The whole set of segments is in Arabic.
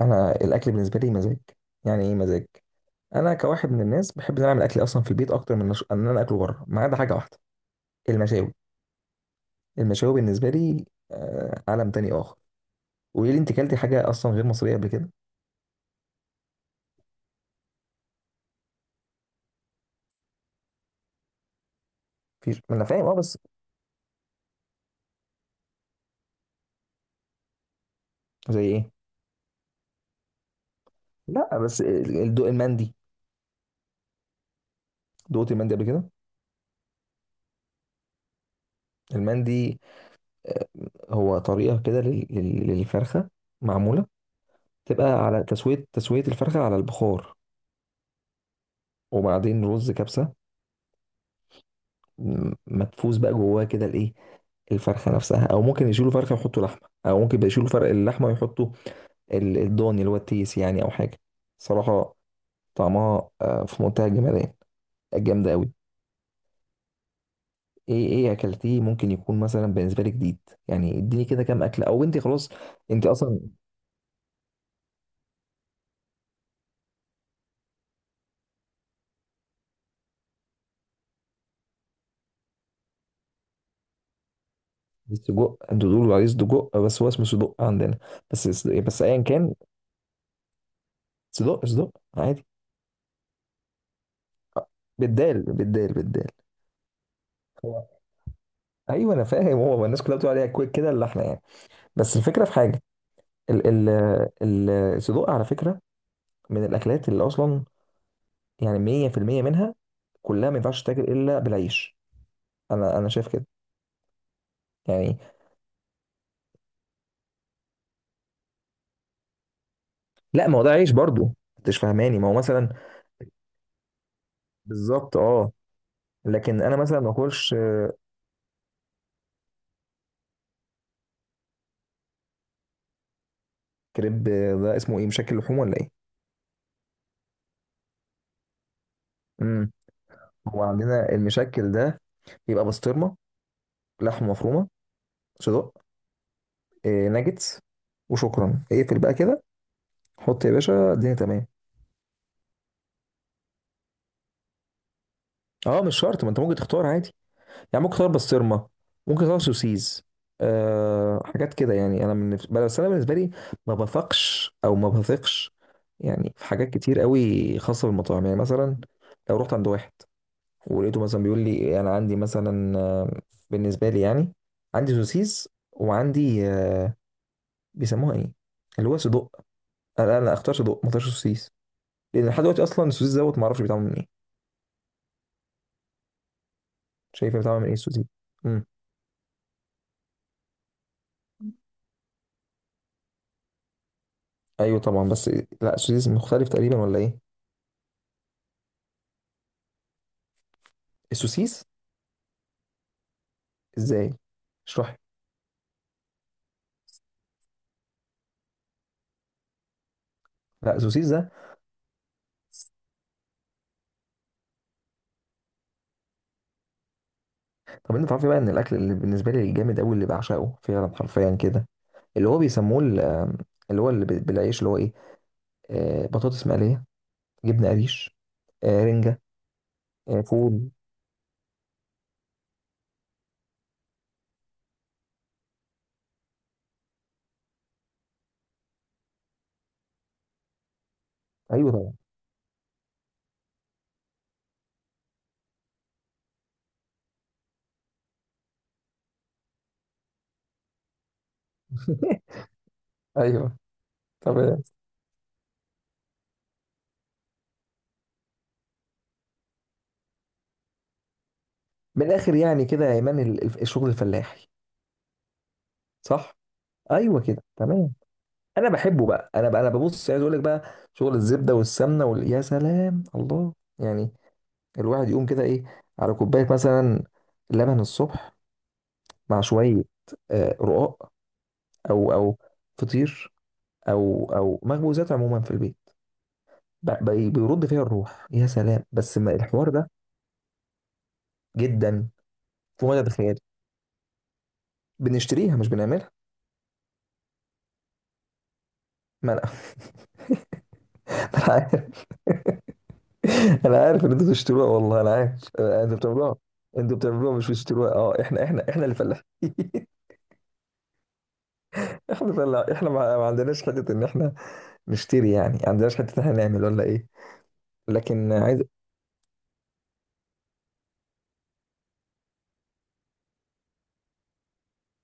انا الاكل بالنسبه لي مزاج. يعني ايه مزاج؟ انا كواحد من الناس بحب ان أنا اعمل اكلي اصلا في البيت اكتر من ان انا اكله بره، ما عدا حاجه واحده. المشاوي، المشاوي بالنسبه لي، عالم تاني اخر. قولي لي انت، كلتي حاجه اصلا غير مصريه قبل كده؟ مفيش، ما انا فاهم اه، بس زي ايه؟ لا، بس الدوق المندي، دوقت المندي قبل كده؟ المندي، آه، هو طريقه كده للفرخه، معموله، تبقى على تسويه الفرخه على البخار، وبعدين رز كبسه مدفوس بقى جواه كده، الايه، الفرخة نفسها، أو ممكن يشيلوا فرخة ويحطوا لحمة، أو ممكن يشيلوا فرق اللحمة ويحطوا الضاني اللي هو التيس يعني، أو حاجة. صراحة طعمها في منتهى الجمدان، جامدة أوي. إيه أكلتيه ممكن يكون مثلا بالنسبة لي جديد، يعني إديني كده كام أكلة، أو أنت خلاص. أنت أصلا السجق، أنتوا بتقولوا عليه سجق، بس هو اسمه سجق عندنا. بس أيا كان. سجق، سجق، عادي. بالدال، بالدال، بالدال. هو- ايوه انا فاهم، هو الناس كلها بتقول عليها كويك كده، اللحمه يعني، بس الفكره في حاجه، ال ال ال الصدوق على فكرة، من الأكلات اللي أصلا، يعني، 100% منها كلها ما ينفعش تتاكل إلا بالعيش. أنا شايف كده، يعني. لا، ما هو ده عيش برضو، أنتش فاهماني، ما هو مثلا. بالظبط أه. لكن أنا مثلا ما أكلش كريب، ده اسمه إيه، مشكل لحوم ولا إيه؟ امم. هو عندنا المشكل ده بيبقى بسطرمة، لحمة مفرومة، صدق، إيه، ناجتس، وشكرا اقفل بقى كده، حط يا باشا الدنيا تمام. اه مش شرط، ما انت ممكن تختار عادي، يعني ممكن تغير بسطرمه، ممكن تغير سوسيز، أه حاجات كده يعني. انا من، بس انا بالنسبه لي ما بثقش، او ما بثقش يعني، في حاجات كتير قوي خاصه بالمطاعم، يعني مثلا لو رحت عند واحد ولقيته مثلا بيقول لي انا عندي مثلا بالنسبه لي يعني، عندي سوسيس وعندي بيسموها ايه، اللي هو صدق، انا اختار صدق، ما اختارش سوسيس، لان لحد دلوقتي اصلا السوسيس دوت ما اعرفش بيتعمل من ايه. شايفه بيتعمل من ايه السوسيس؟ امم. ايوه طبعا، بس لا السوسيس مختلف تقريبا ولا ايه؟ السوسيس، ازاي؟ اشرح لي. لا السوسيس ده، طب انت تعرفي بقى ان الاكل اللي بالنسبه لي الجامد قوي اللي بعشقه فعلا حرفيا كده، اللي هو بيسموه ال- آم، اللي هو بالعيش، اللي هو ايه، بطاطس مقليه، جبنه قريش، رنجه، فول. ايوه طبعا. ايوه تمام. من الاخر يعني كده يا ايمان، الشغل الفلاحي، صح. ايوه كده تمام. انا بحبه بقى، انا بقى انا ببص، عايز اقول لك بقى، شغل الزبده والسمنه وال... يا سلام الله. يعني الواحد يقوم كده ايه، على كوبايه مثلا لبن الصبح، مع شويه رقاق، او فطير، او، او مخبوزات عموما في البيت، بيرد فيها الروح، يا سلام بس ما الحوار ده، جدا، فوق مدى الخيال. بنشتريها مش بنعملها. ما انا، انا عارف، انا عارف ان انتوا بتشتروها، والله انا عارف، انتوا بتعملوها. انتوا بتعملوها مش بتشتروها، اه، احنا اللي فلاحين. احنا فلاح، احنا ما عندناش حته ان احنا نشتري يعني، ما عندناش حته ان احنا نعمل ولا ايه. لكن عايز،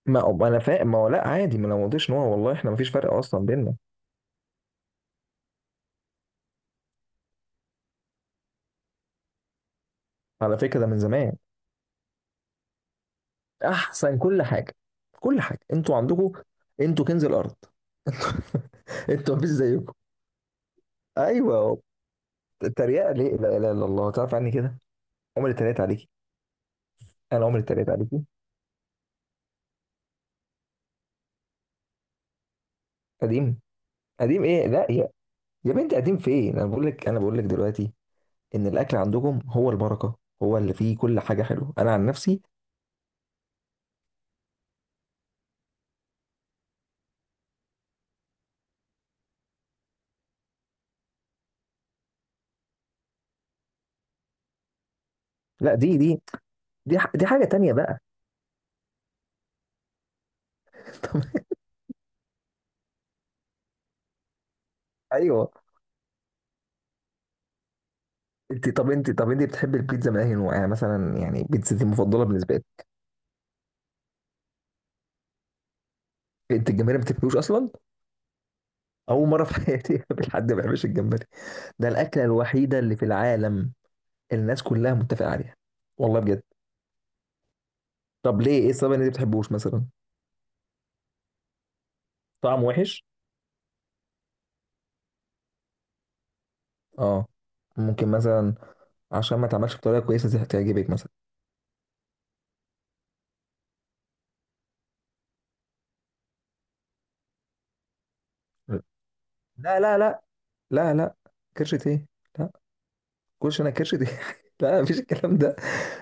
ما انا فاهم، ما هو لا عادي، ما انا ما قلتش ان هو، والله احنا ما فيش فرق اصلا بيننا. على فكره ده من زمان، احسن كل حاجه. كل حاجه انتوا عندكم. انتوا كنز الارض. انتوا ما فيش زيكم. ايوه التريقه ليه، لا اله الا الله، تعرف عني كده عمري اتريقت عليكي؟ انا عمري اتريقت عليكي. قديم، قديم ايه، لا يا، يا بنتي قديم فين، انا بقول لك دلوقتي، ان الاكل عندكم هو البركه، هو اللي فيه كل حاجه حلوه، انا عن نفسي. لا دي، دي حاجه تانية بقى. ايوه. انت بتحبي البيتزا من اي نوع؟ يعني مثلا، يعني بيتزا المفضله بالنسبه لك. انت الجمبري ما بتاكلوش اصلا، اول مره في حياتي اقابل حد ما بيحبش الجمبري. ده الاكله الوحيده اللي في العالم الناس كلها متفقه عليها، والله بجد. طب ليه، ايه السبب ان انت ما بتحبوش مثلا، طعم وحش؟ اه ممكن مثلا عشان ما اتعملش بطريقه كويسه تعجبك مثلا. لا، لا، لا. لا، لا. كرشة ايه؟ لا. كرش، انا كرش دي؟ لا مفيش الكلام ده،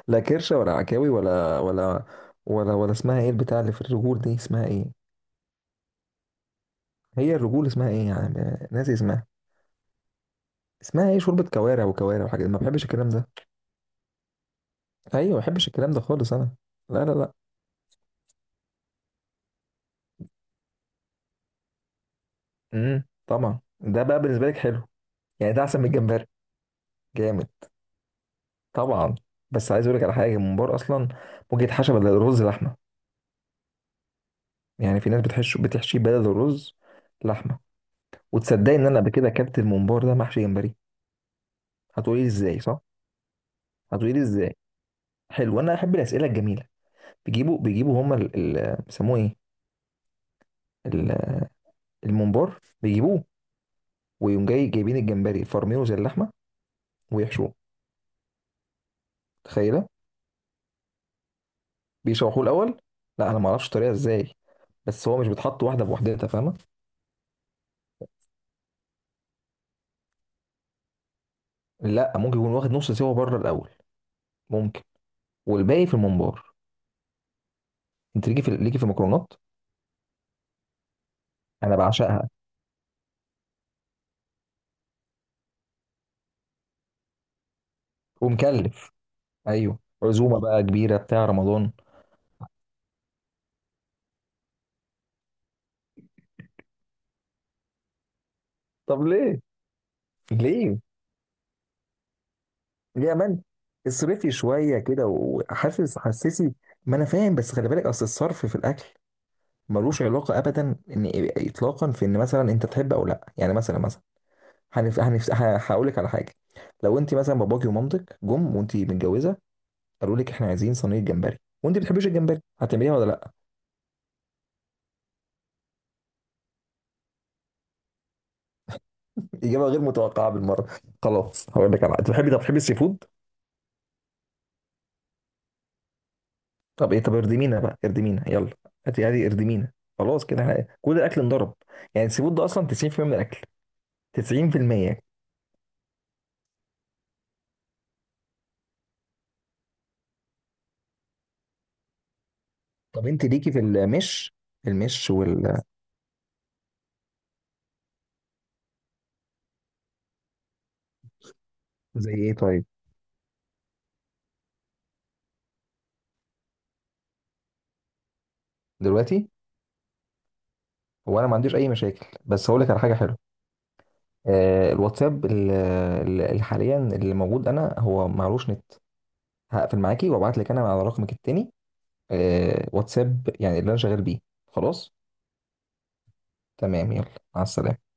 لا كرشه ولا عكاوي، ولا ولا اسمها ايه البتاع اللي في الرجول دي اسمها ايه؟ هي الرجول اسمها ايه يعني، ناسي اسمها، اسمها ايه، شوربه كوارع، وكوارع وحاجات ما بحبش الكلام ده. ايوه ما بحبش الكلام ده خالص انا. لا، لا، لا. طبعا ده بقى بالنسبه لك حلو، يعني ده احسن من الجمبري، جامد طبعا. بس عايز اقول لك على حاجه، الممبار اصلا ممكن يتحشى بدل الرز لحمه، يعني في ناس بتحشيه بدل الرز لحمه. وتصدقي ان انا قبل كده اكلت الممبار ده محشي جمبري؟ هتقولي ازاي، صح، هتقولي ازاي، حلو انا احب الاسئله الجميله. بيجيبوا هما بيسموه ايه، ال- الممبار، بيجيبوه ويقوم جاي جايبين الجمبري فرمينه زي اللحمه ويحشوه. تخيله، بيشوحوه الاول. لا انا ما اعرفش الطريقه ازاي، بس هو مش بيتحط واحده بوحدتها فاهمه. لا ممكن يكون واخد نص سوا بره الاول، ممكن، والباقي في الممبار. انت ليكي في المكرونات، انا بعشقها. ومكلف. ايوه عزومه بقى كبيره بتاع رمضان. طب ليه، ليه يا من، اصرفي شويه كده وحاسس حسسي. ما انا فاهم، بس خلي بالك، اصل الصرف في الاكل ملوش علاقه ابدا ان، اطلاقا، في ان مثلا انت تحب او لا، يعني مثلا هنف... هنف... هقول لك على حاجه. لو انت مثلا باباكي ومامتك جم وانت متجوزه قالوا لك احنا عايزين صينيه جمبري وانت بتحبيش الجمبري، هتعمليها ولا لا؟ اجابه غير متوقعه بالمره. خلاص هقول لك على، انت بتحبي، طب بتحبي السي فود؟ طب ايه، طب اردمينا بقى اردمينا يلا، هاتي اردمينا، خلاص كده كل الاكل انضرب. يعني السي فود ده اصلا 90% من الاكل، 90%. طب انت ليكي في المش، المش وال... زي ايه طيب؟ دلوقتي. هو انا ما عنديش اي مشاكل بس هقول لك على حاجه حلوه. الواتساب اللي حاليا اللي موجود انا، هو معلوش نت، هقفل معاكي وابعت لك انا على رقمك التاني، واتساب يعني اللي انا شغال بيه. خلاص، تمام يلا، مع السلامه.